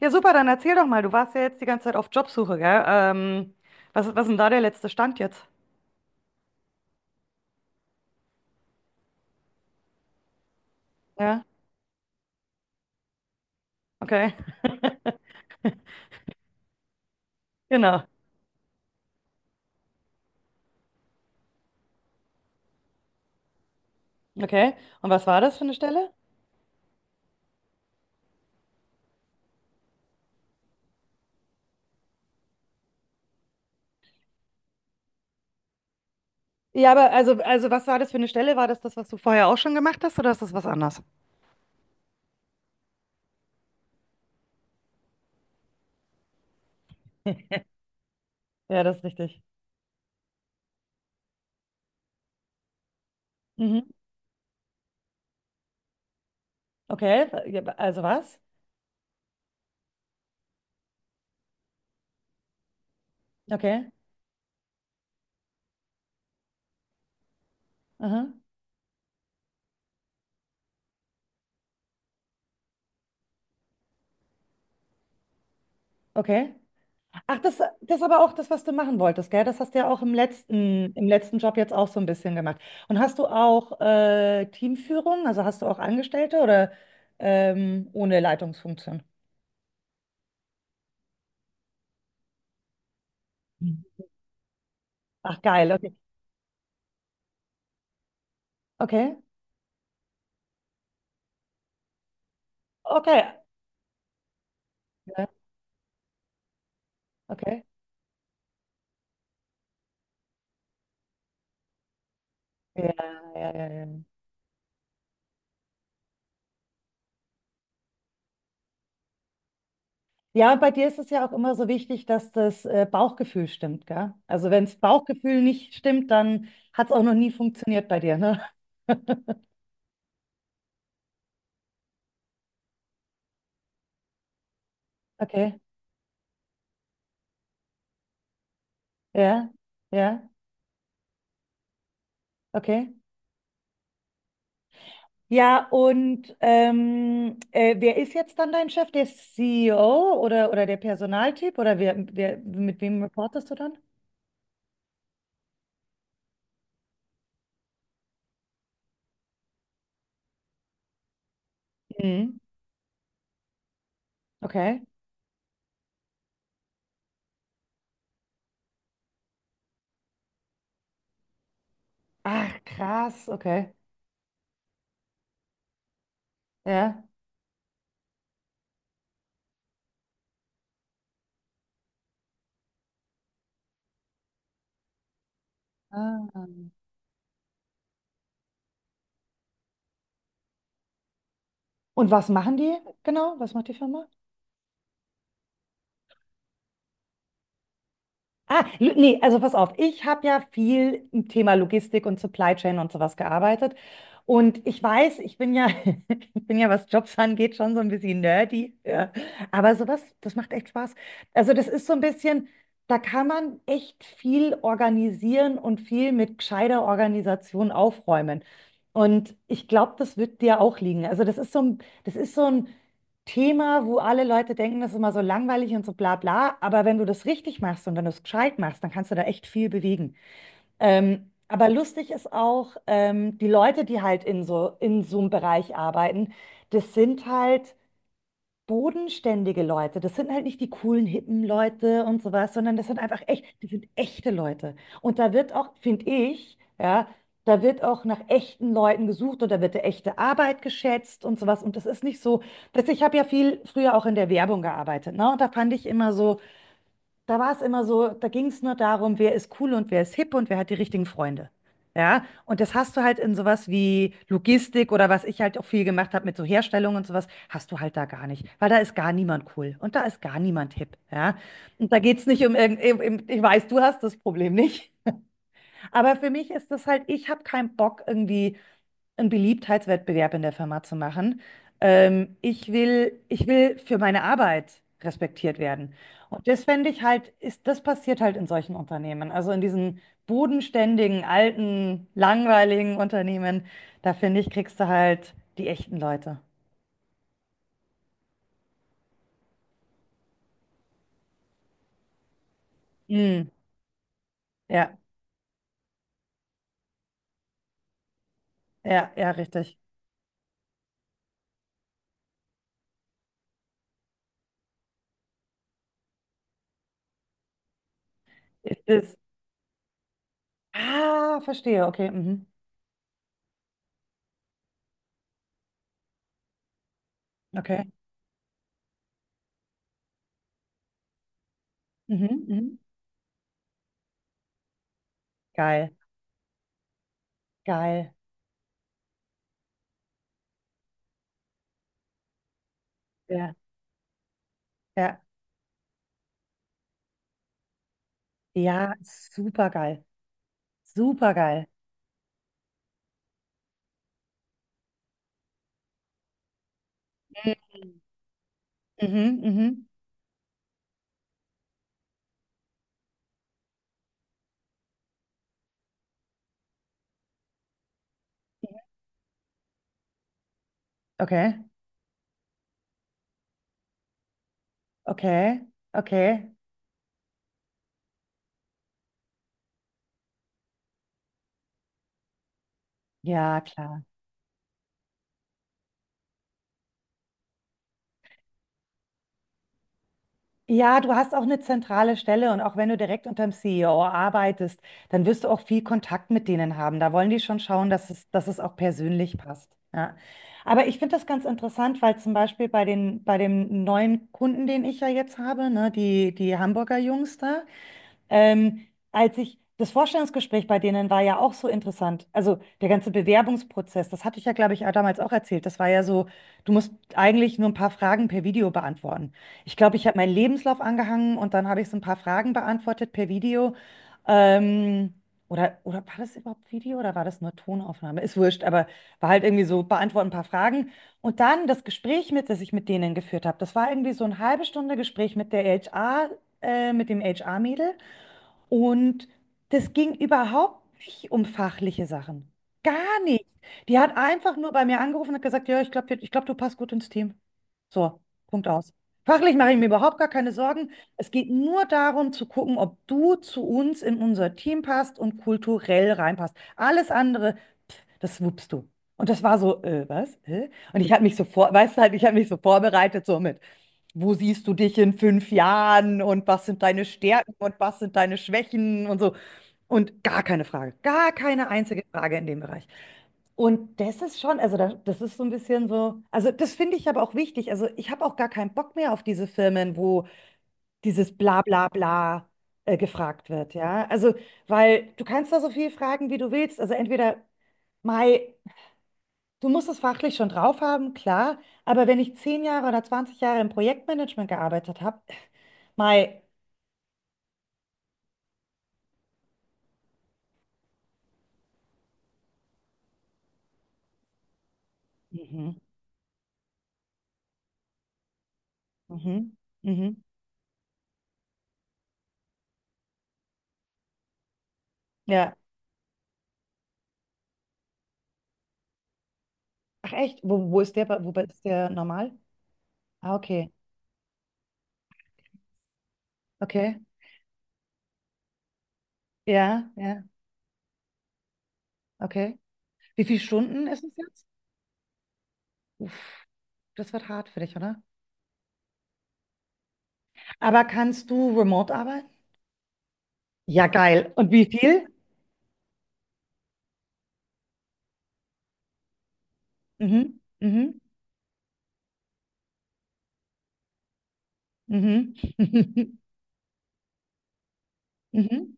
Ja, super, dann erzähl doch mal. Du warst ja jetzt die ganze Zeit auf Jobsuche, gell? Was ist denn da der letzte Stand jetzt? Ja, okay. Genau. Okay. Und was war das für eine Stelle? Ja, aber also was war das für eine Stelle? War das das, was du vorher auch schon gemacht hast, oder ist das was anderes? Ja, das ist richtig. Mhm. Okay. Ja, also was? Okay. Aha. Okay. Ach, das aber auch das, was du machen wolltest, gell? Das hast du ja auch im letzten Job jetzt auch so ein bisschen gemacht. Und hast du auch Teamführung? Also hast du auch Angestellte oder ohne Leitungsfunktion? Mhm. Ach, geil. Okay. Okay. Okay. Ja, okay. Ja, ja, ja, ja. Ja, und bei dir ist es ja auch immer so wichtig, dass das Bauchgefühl stimmt, gell? Also wenn das Bauchgefühl nicht stimmt, dann hat es auch noch nie funktioniert bei dir, ne? Okay. Ja. Ja. Okay. Ja, und wer ist jetzt dann dein Chef? Der CEO oder der Personaltyp? Oder mit wem reportest du dann? Mhm. Okay. Ach, krass, okay. Ja. Ah. Und was machen die genau? Was macht die Firma? Ah, nee, also pass auf, ich habe ja viel im Thema Logistik und Supply Chain und sowas gearbeitet. Und ich weiß, ich bin ja, ich bin ja, was Jobs angeht, schon so ein bisschen nerdy. Ja. Aber sowas, das macht echt Spaß. Also das ist so ein bisschen, da kann man echt viel organisieren und viel mit gescheiter Organisation aufräumen. Und ich glaube, das wird dir auch liegen. Also das ist so ein Thema, wo alle Leute denken, das ist immer so langweilig und so bla bla. Aber wenn du das richtig machst und wenn du es gescheit machst, dann kannst du da echt viel bewegen. Aber lustig ist auch, die Leute, die halt in so einem Bereich arbeiten, das sind halt bodenständige Leute. Das sind halt nicht die coolen, hippen Leute und sowas, sondern das sind einfach echt, das sind echte Leute. Und da wird auch, finde ich, ja, da wird auch nach echten Leuten gesucht und da wird die echte Arbeit geschätzt und sowas. Und das ist nicht so, dass ich habe ja viel früher auch in der Werbung gearbeitet, ne? Und da fand ich immer so, da war es immer so, da ging es nur darum, wer ist cool und wer ist hip und wer hat die richtigen Freunde. Ja, und das hast du halt in sowas wie Logistik oder was ich halt auch viel gemacht habe mit so Herstellung und sowas, hast du halt da gar nicht, weil da ist gar niemand cool und da ist gar niemand hip. Ja, und da geht es nicht um ich weiß, du hast das Problem nicht. Aber für mich ist das halt, ich habe keinen Bock, irgendwie einen Beliebtheitswettbewerb in der Firma zu machen. Ich will für meine Arbeit respektiert werden. Und das fände ich halt, das passiert halt in solchen Unternehmen. Also in diesen bodenständigen, alten, langweiligen Unternehmen, da finde ich, kriegst du halt die echten Leute. Mm, ja, ja, ja, richtig. Ist es. Ah, verstehe. Okay. Mhm. Okay. Mhm, mhm. Geil, geil. Ja, ja. Ja, super supergeil. Supergeil. Mhm, mhm, mhm. Okay, okay, okay. Ja, klar. Ja, du hast auch eine zentrale Stelle und auch wenn du direkt unterm CEO arbeitest, dann wirst du auch viel Kontakt mit denen haben. Da wollen die schon schauen, dass es auch persönlich passt. Ja. Aber ich finde das ganz interessant, weil zum Beispiel bei dem neuen Kunden, den ich ja jetzt habe, ne, die Hamburger Jungs da. Ähm, das Vorstellungsgespräch bei denen war ja auch so interessant. Also der ganze Bewerbungsprozess, das hatte ich ja, glaube ich, auch damals auch erzählt. Das war ja so, du musst eigentlich nur ein paar Fragen per Video beantworten. Ich glaube, ich habe meinen Lebenslauf angehangen und dann habe ich so ein paar Fragen beantwortet per Video. Ähm, oder war das überhaupt Video oder war das nur Tonaufnahme? Ist wurscht, aber war halt irgendwie so, beantworten ein paar Fragen. Und dann das Gespräch mit, das ich mit denen geführt habe, das war irgendwie so eine halbe Stunde Gespräch mit der HR, mit dem HR-Mädel. Und das ging überhaupt nicht um fachliche Sachen. Gar nicht. Die hat einfach nur bei mir angerufen und hat gesagt, ja, ich glaube, ich glaub, du passt gut ins Team. So, Punkt aus. Fachlich mache ich mir überhaupt gar keine Sorgen. Es geht nur darum zu gucken, ob du zu uns in unser Team passt und kulturell reinpasst. Alles andere, das wuppst du. Und das war so, was? Hä? Und ich habe mich so vor, weißt du halt, ich habe mich so vorbereitet, so mit, wo siehst du dich in 5 Jahren und was sind deine Stärken und was sind deine Schwächen und so. Und gar keine Frage, gar keine einzige Frage in dem Bereich. Und das ist schon, also das ist so ein bisschen so, also das finde ich aber auch wichtig. Also ich habe auch gar keinen Bock mehr auf diese Firmen, wo dieses bla bla bla gefragt wird, ja. Also, weil du kannst da so viel fragen, wie du willst. Also entweder. Mai, du musst es fachlich schon drauf haben, klar, aber wenn ich 10 Jahre oder 20 Jahre im Projektmanagement gearbeitet habe, mei, mhm, mhm, mhm, ja, ach echt, wo ist der normal? Ah, okay, okay, ja, ja, okay. Wie viele Stunden ist es jetzt? Uff, das wird hart für dich, oder? Aber kannst du remote arbeiten? Ja, geil. Und wie viel? Mhm, mhm, mhm, mhm,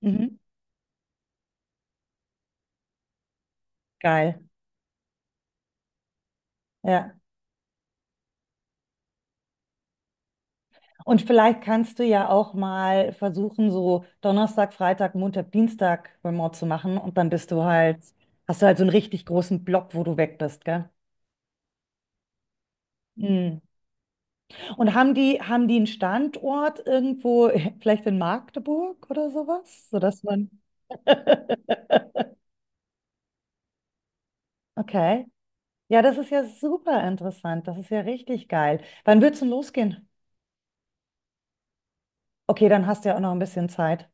mhm, geil, ja. Und vielleicht kannst du ja auch mal versuchen, so Donnerstag, Freitag, Montag, Dienstag remote zu machen und dann bist du halt, hast du halt so einen richtig großen Block, wo du weg bist, gell? Mhm. Und haben die einen Standort irgendwo, vielleicht in Magdeburg oder sowas, sodass man okay. Ja, das ist ja super interessant. Das ist ja richtig geil. Wann wird's denn losgehen? Okay, dann hast du ja auch noch ein bisschen Zeit.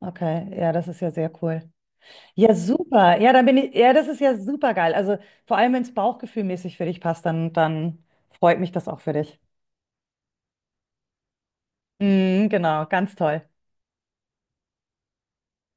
Okay, ja, das ist ja sehr cool. Ja, super. Ja, ja, das ist ja super geil. Also vor allem, wenn es bauchgefühlmäßig für dich passt, dann freut mich das auch für dich. Mhm, genau, ganz toll.